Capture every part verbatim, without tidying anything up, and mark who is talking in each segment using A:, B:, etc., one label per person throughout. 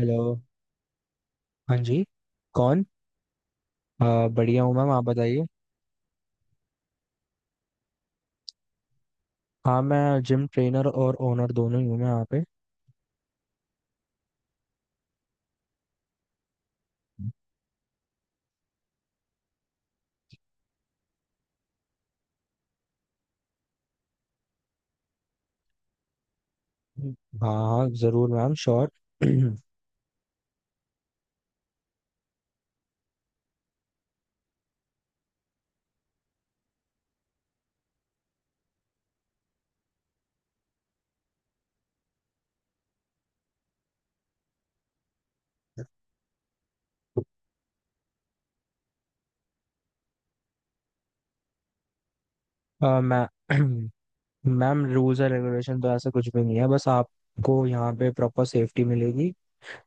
A: Hello. हाँ जी। कौन? आ, बढ़िया हूँ मैम, आप बताइए। हाँ, मैं जिम ट्रेनर और ओनर दोनों ही हूँ, मैं यहाँ पे। हाँ हाँ, जरूर मैम, श्योर। आ, मैं मैम, रूल्स एंड रेगुलेशन तो ऐसा कुछ भी नहीं है, बस आपको यहाँ पे प्रॉपर सेफ्टी मिलेगी।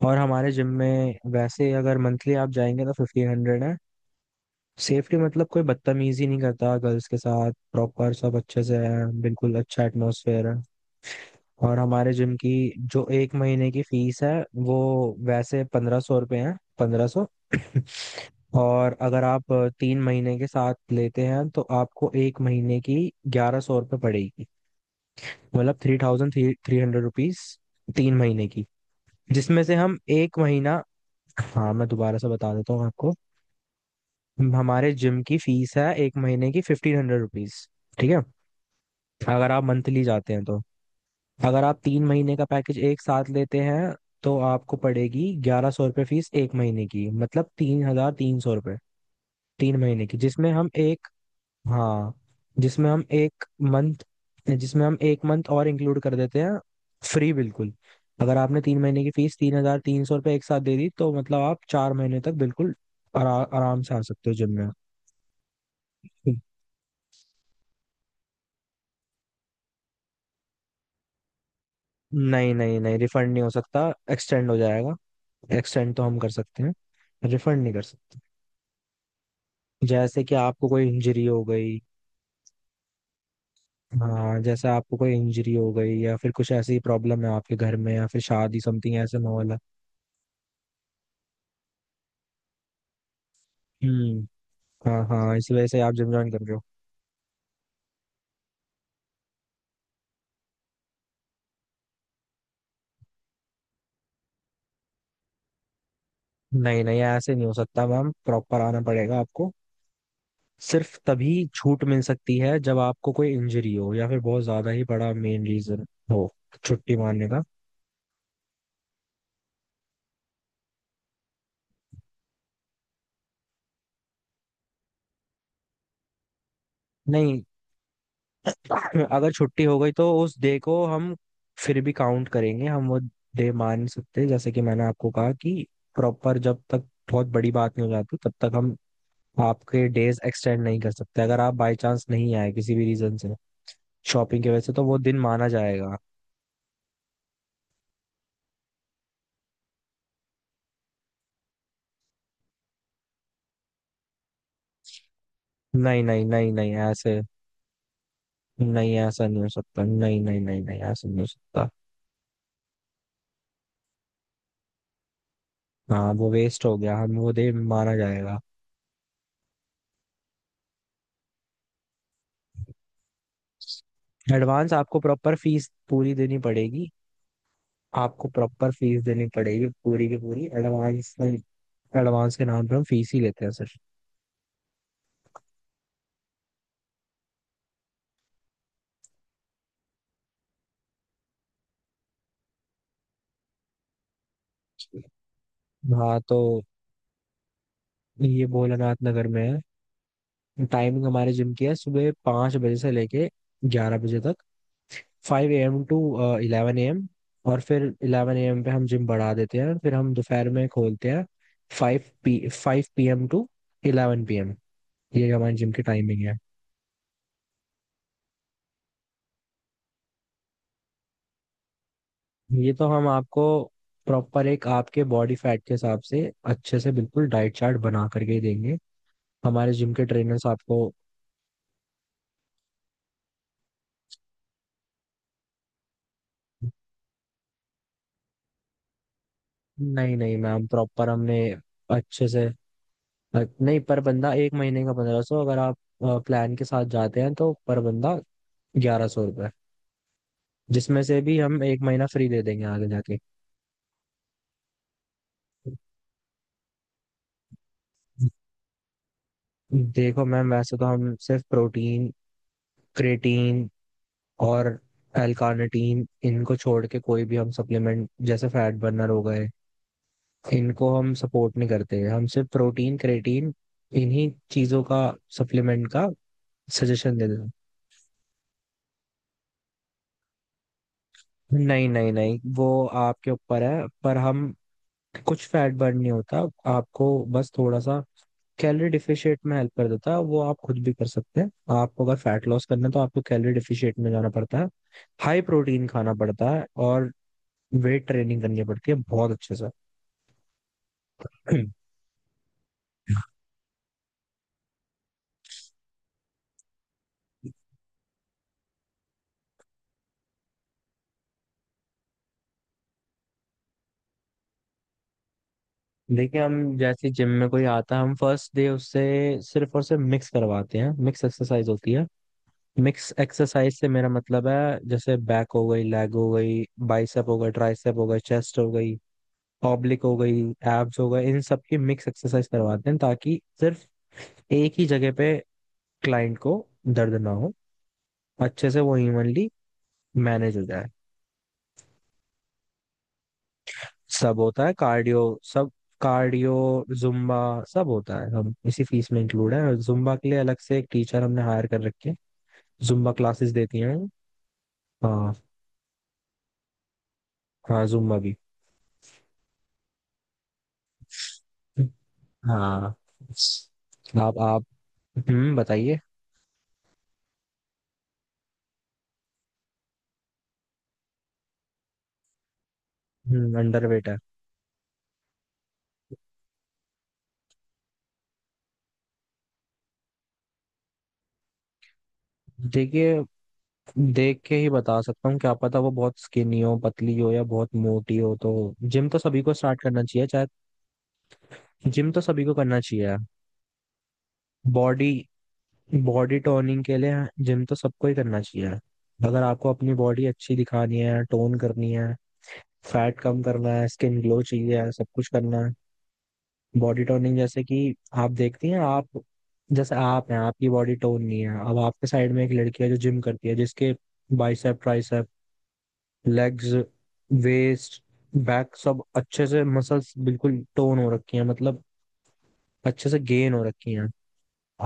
A: और हमारे जिम में वैसे अगर मंथली आप जाएंगे तो फिफ्टीन हंड्रेड है। सेफ्टी मतलब कोई बदतमीजी नहीं करता गर्ल्स के साथ, प्रॉपर सब अच्छे से है, बिल्कुल अच्छा एटमोसफेयर है। और हमारे जिम की जो एक महीने की फीस है वो वैसे पंद्रह सौ रुपये है, पंद्रह सौ। और अगर आप तीन महीने के साथ लेते हैं तो आपको एक महीने की ग्यारह सौ रुपये पड़ेगी, मतलब three thousand three three hundred rupees, तीन महीने की, जिसमें से हम एक महीना। हाँ मैं दोबारा से बता देता हूँ आपको, हमारे जिम की फीस है एक महीने की फिफ्टीन हंड्रेड रुपीज। ठीक है, अगर आप मंथली जाते हैं तो। अगर आप तीन महीने का पैकेज एक साथ लेते हैं तो आपको पड़ेगी ग्यारह सौ रुपये फीस एक महीने की, मतलब तीन हजार तीन सौ रुपये तीन महीने की, जिसमें हम एक। हाँ, जिसमें हम एक मंथ, जिसमें हम एक मंथ और इंक्लूड कर देते हैं, फ्री बिल्कुल। अगर आपने तीन महीने की फीस तीन हजार तीन सौ रुपये एक साथ दे दी तो मतलब आप चार महीने तक बिल्कुल आरा, आराम से आ सकते हो जिम में। नहीं नहीं नहीं, रिफंड नहीं हो सकता, एक्सटेंड हो जाएगा। एक्सटेंड तो हम कर सकते हैं, रिफंड नहीं कर सकते। जैसे कि आपको कोई इंजरी हो गई। हाँ, जैसे आपको कोई इंजरी हो गई या फिर कुछ ऐसी प्रॉब्लम है आपके घर में या फिर शादी समथिंग ऐसे माहौल है। हम्म। हाँ हाँ, इसी वजह से आप जिम ज्वाइन कर रहे हो। नहीं नहीं, ऐसे नहीं हो सकता मैम, प्रॉपर आना पड़ेगा आपको। सिर्फ तभी छूट मिल सकती है जब आपको कोई इंजरी हो या फिर बहुत ज्यादा ही बड़ा मेन रीजन हो, छुट्टी मारने का नहीं। अगर छुट्टी हो गई तो उस डे को हम फिर भी काउंट करेंगे, हम वो डे मान सकते हैं। जैसे कि मैंने आपको कहा कि प्रॉपर जब तक बहुत बड़ी बात नहीं हो जाती तब तक हम आपके डेज एक्सटेंड नहीं कर सकते, अगर आप बाय चांस नहीं आए किसी भी रीजन से, शॉपिंग की वजह से, तो वो दिन माना जाएगा। नहीं नहीं नहीं नहीं, ऐसे नहीं, ऐसा नहीं हो सकता, नहीं नहीं नहीं नहीं, ऐसा नहीं हो सकता। हाँ, वो वेस्ट हो गया, हम वो दे माना जाएगा। एडवांस आपको प्रॉपर फीस पूरी देनी पड़ेगी। आपको प्रॉपर फीस देनी पड़ेगी पूरी की पूरी, एडवांस। एडवांस के नाम पे हम फीस ही लेते हैं, सर। हाँ तो, ये भोलानाथ नगर में है। टाइमिंग हमारे जिम की है, सुबह पाँच बजे से लेके ग्यारह बजे तक, five A M to eleven A M. और फिर इलेवन ए एम पे हम जिम बढ़ा देते हैं, फिर हम दोपहर में खोलते हैं, five P five P M to eleven P M. ये हमारे जिम की टाइमिंग है। ये तो हम आपको प्रॉपर एक आपके बॉडी फैट के हिसाब से अच्छे से बिल्कुल डाइट चार्ट बना करके ही देंगे, हमारे जिम के ट्रेनर्स आपको। नहीं नहीं मैम, प्रॉपर हमने अच्छे से। नहीं, पर बंदा एक महीने का पंद्रह सौ, अगर आप प्लान के साथ जाते हैं तो पर बंदा ग्यारह सौ रुपये, जिसमें से भी हम एक महीना फ्री दे देंगे आगे जाके। देखो मैम, वैसे तो हम सिर्फ प्रोटीन, क्रेटीन और एल कार्निटीन, इनको छोड़ के कोई भी हम सप्लीमेंट जैसे फैट बर्नर हो गए, इनको हम सपोर्ट नहीं करते, हम सिर्फ प्रोटीन क्रेटीन इन्हीं चीजों का सप्लीमेंट का सजेशन देते हैं। नहीं नहीं नहीं, वो आपके ऊपर है, पर हम, कुछ फैट बर्न नहीं होता, आपको बस थोड़ा सा कैलोरी डिफिशिएट में हेल्प कर देता है, वो आप खुद भी कर सकते हैं। आपको अगर फैट लॉस करना है तो आपको कैलोरी डिफिशिएट में जाना पड़ता है, हाई प्रोटीन खाना पड़ता है और वेट ट्रेनिंग करनी पड़ती है बहुत अच्छे से। देखिए, हम जैसे जिम में कोई आता है हम फर्स्ट डे उससे सिर्फ और सिर्फ मिक्स करवाते हैं, मिक्स एक्सरसाइज होती है। मिक्स एक्सरसाइज से मेरा मतलब है, जैसे बैक हो गई, लेग हो गई, बाइसेप हो गई, ट्राइसेप हो गई, चेस्ट हो गई, ऑब्लिक हो गई, एब्स हो गए, इन सब की मिक्स एक्सरसाइज करवाते हैं ताकि सिर्फ एक ही जगह पे क्लाइंट को दर्द ना हो, अच्छे से वो इवनली मैनेज हो जाए। सब होता है कार्डियो, सब कार्डियो, जुम्बा, सब होता है, हम इसी फीस में इंक्लूड है, और जुम्बा के लिए अलग से एक टीचर हमने हायर कर रखे हैं, जुम्बा क्लासेस देती हैं। हाँ। हाँ, जुम्बा भी। हाँ। आप आप, हम्म बताइए। हम्म अंडरवेट है। देखिए, देख के ही बता सकता हूँ, क्या पता वो बहुत स्किनी हो, पतली हो या बहुत मोटी हो, तो जिम तो सभी को स्टार्ट करना चाहिए चाहे। जिम तो सभी को करना चाहिए, बॉडी बॉडी टोनिंग के लिए। जिम तो सबको ही करना चाहिए, अगर आपको अपनी बॉडी अच्छी दिखानी है, टोन करनी है, फैट कम करना है, स्किन ग्लो चाहिए है, सब कुछ करना है। बॉडी टोनिंग जैसे कि आप देखती हैं, आप जैसे आप हैं, आपकी बॉडी टोन नहीं है, अब आपके साइड में एक लड़की है जो जिम करती है, जिसके bicep, tricep, legs, waist, back, सब अच्छे से मसल्स बिल्कुल टोन हो रखी हैं, मतलब अच्छे से गेन हो रखी हैं,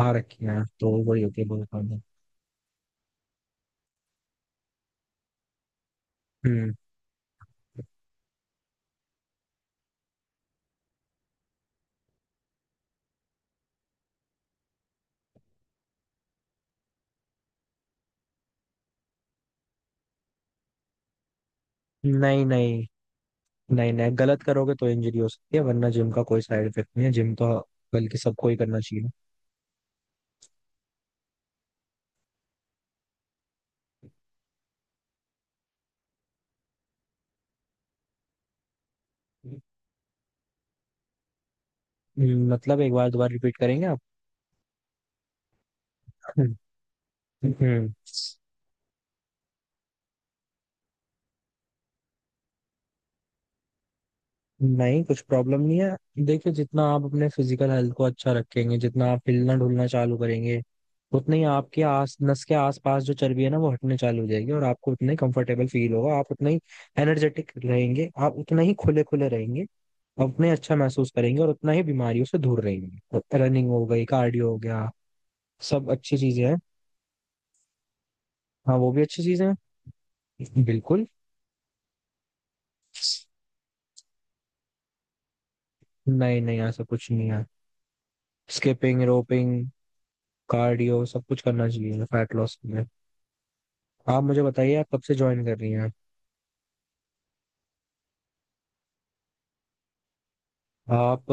A: आ रखी हैं, तो वही होती है बॉडी टोनिंग। हम्म। नहीं नहीं नहीं नहीं, गलत करोगे तो इंजरी हो सकती है, वरना जिम का कोई साइड इफेक्ट नहीं है, जिम तो बल्कि सबको ही करना चाहिए। हम्म, मतलब एक बार दोबारा रिपीट करेंगे आप? हम्म। नहीं, कुछ प्रॉब्लम नहीं है, देखिए जितना आप अपने फिजिकल हेल्थ को अच्छा रखेंगे, जितना आप हिलना डुलना चालू करेंगे उतने ही आपके आस नस के आसपास जो चर्बी है ना, वो हटने चालू हो जाएगी, और आपको उतना ही कंफर्टेबल फील होगा, आप उतना ही एनर्जेटिक रहेंगे, आप उतना ही खुले खुले रहेंगे, आप उतना ही अच्छा महसूस करेंगे और उतना ही बीमारियों से दूर रहेंगे, रनिंग हो गई, कार्डियो हो गया, सब अच्छी चीजें हैं। हाँ, वो भी अच्छी चीजें हैं, बिल्कुल। नहीं नहीं, ऐसा कुछ नहीं है, स्किपिंग रोपिंग, कार्डियो, सब कुछ करना चाहिए फैट लॉस के लिए। आप मुझे बताइए, आप कब से ज्वाइन कर रही हैं? आप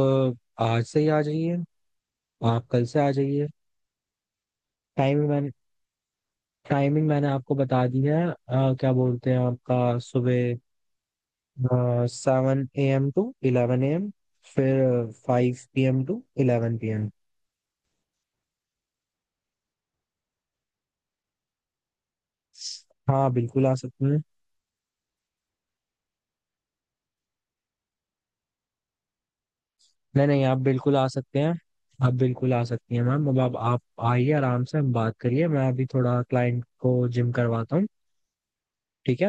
A: अ, आज से ही आ जाइए, आप कल से आ जाइए। टाइमिंग मैंने टाइमिंग मैंने आपको बता दी है अ, क्या बोलते हैं आपका, सुबह seven A M to eleven A M, फिर five P M to eleven P M. हाँ बिल्कुल, आ सकते हैं। नहीं नहीं, आप बिल्कुल आ सकते हैं, आप बिल्कुल आ सकती हैं मैम, अब आप आप आइए, आराम से हम बात करिए, मैं अभी थोड़ा क्लाइंट को जिम करवाता हूँ, ठीक है?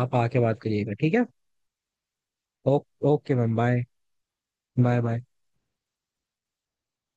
A: आप आके बात करिएगा, ठीक है? ओ, okay ma'am, bye. Bye bye.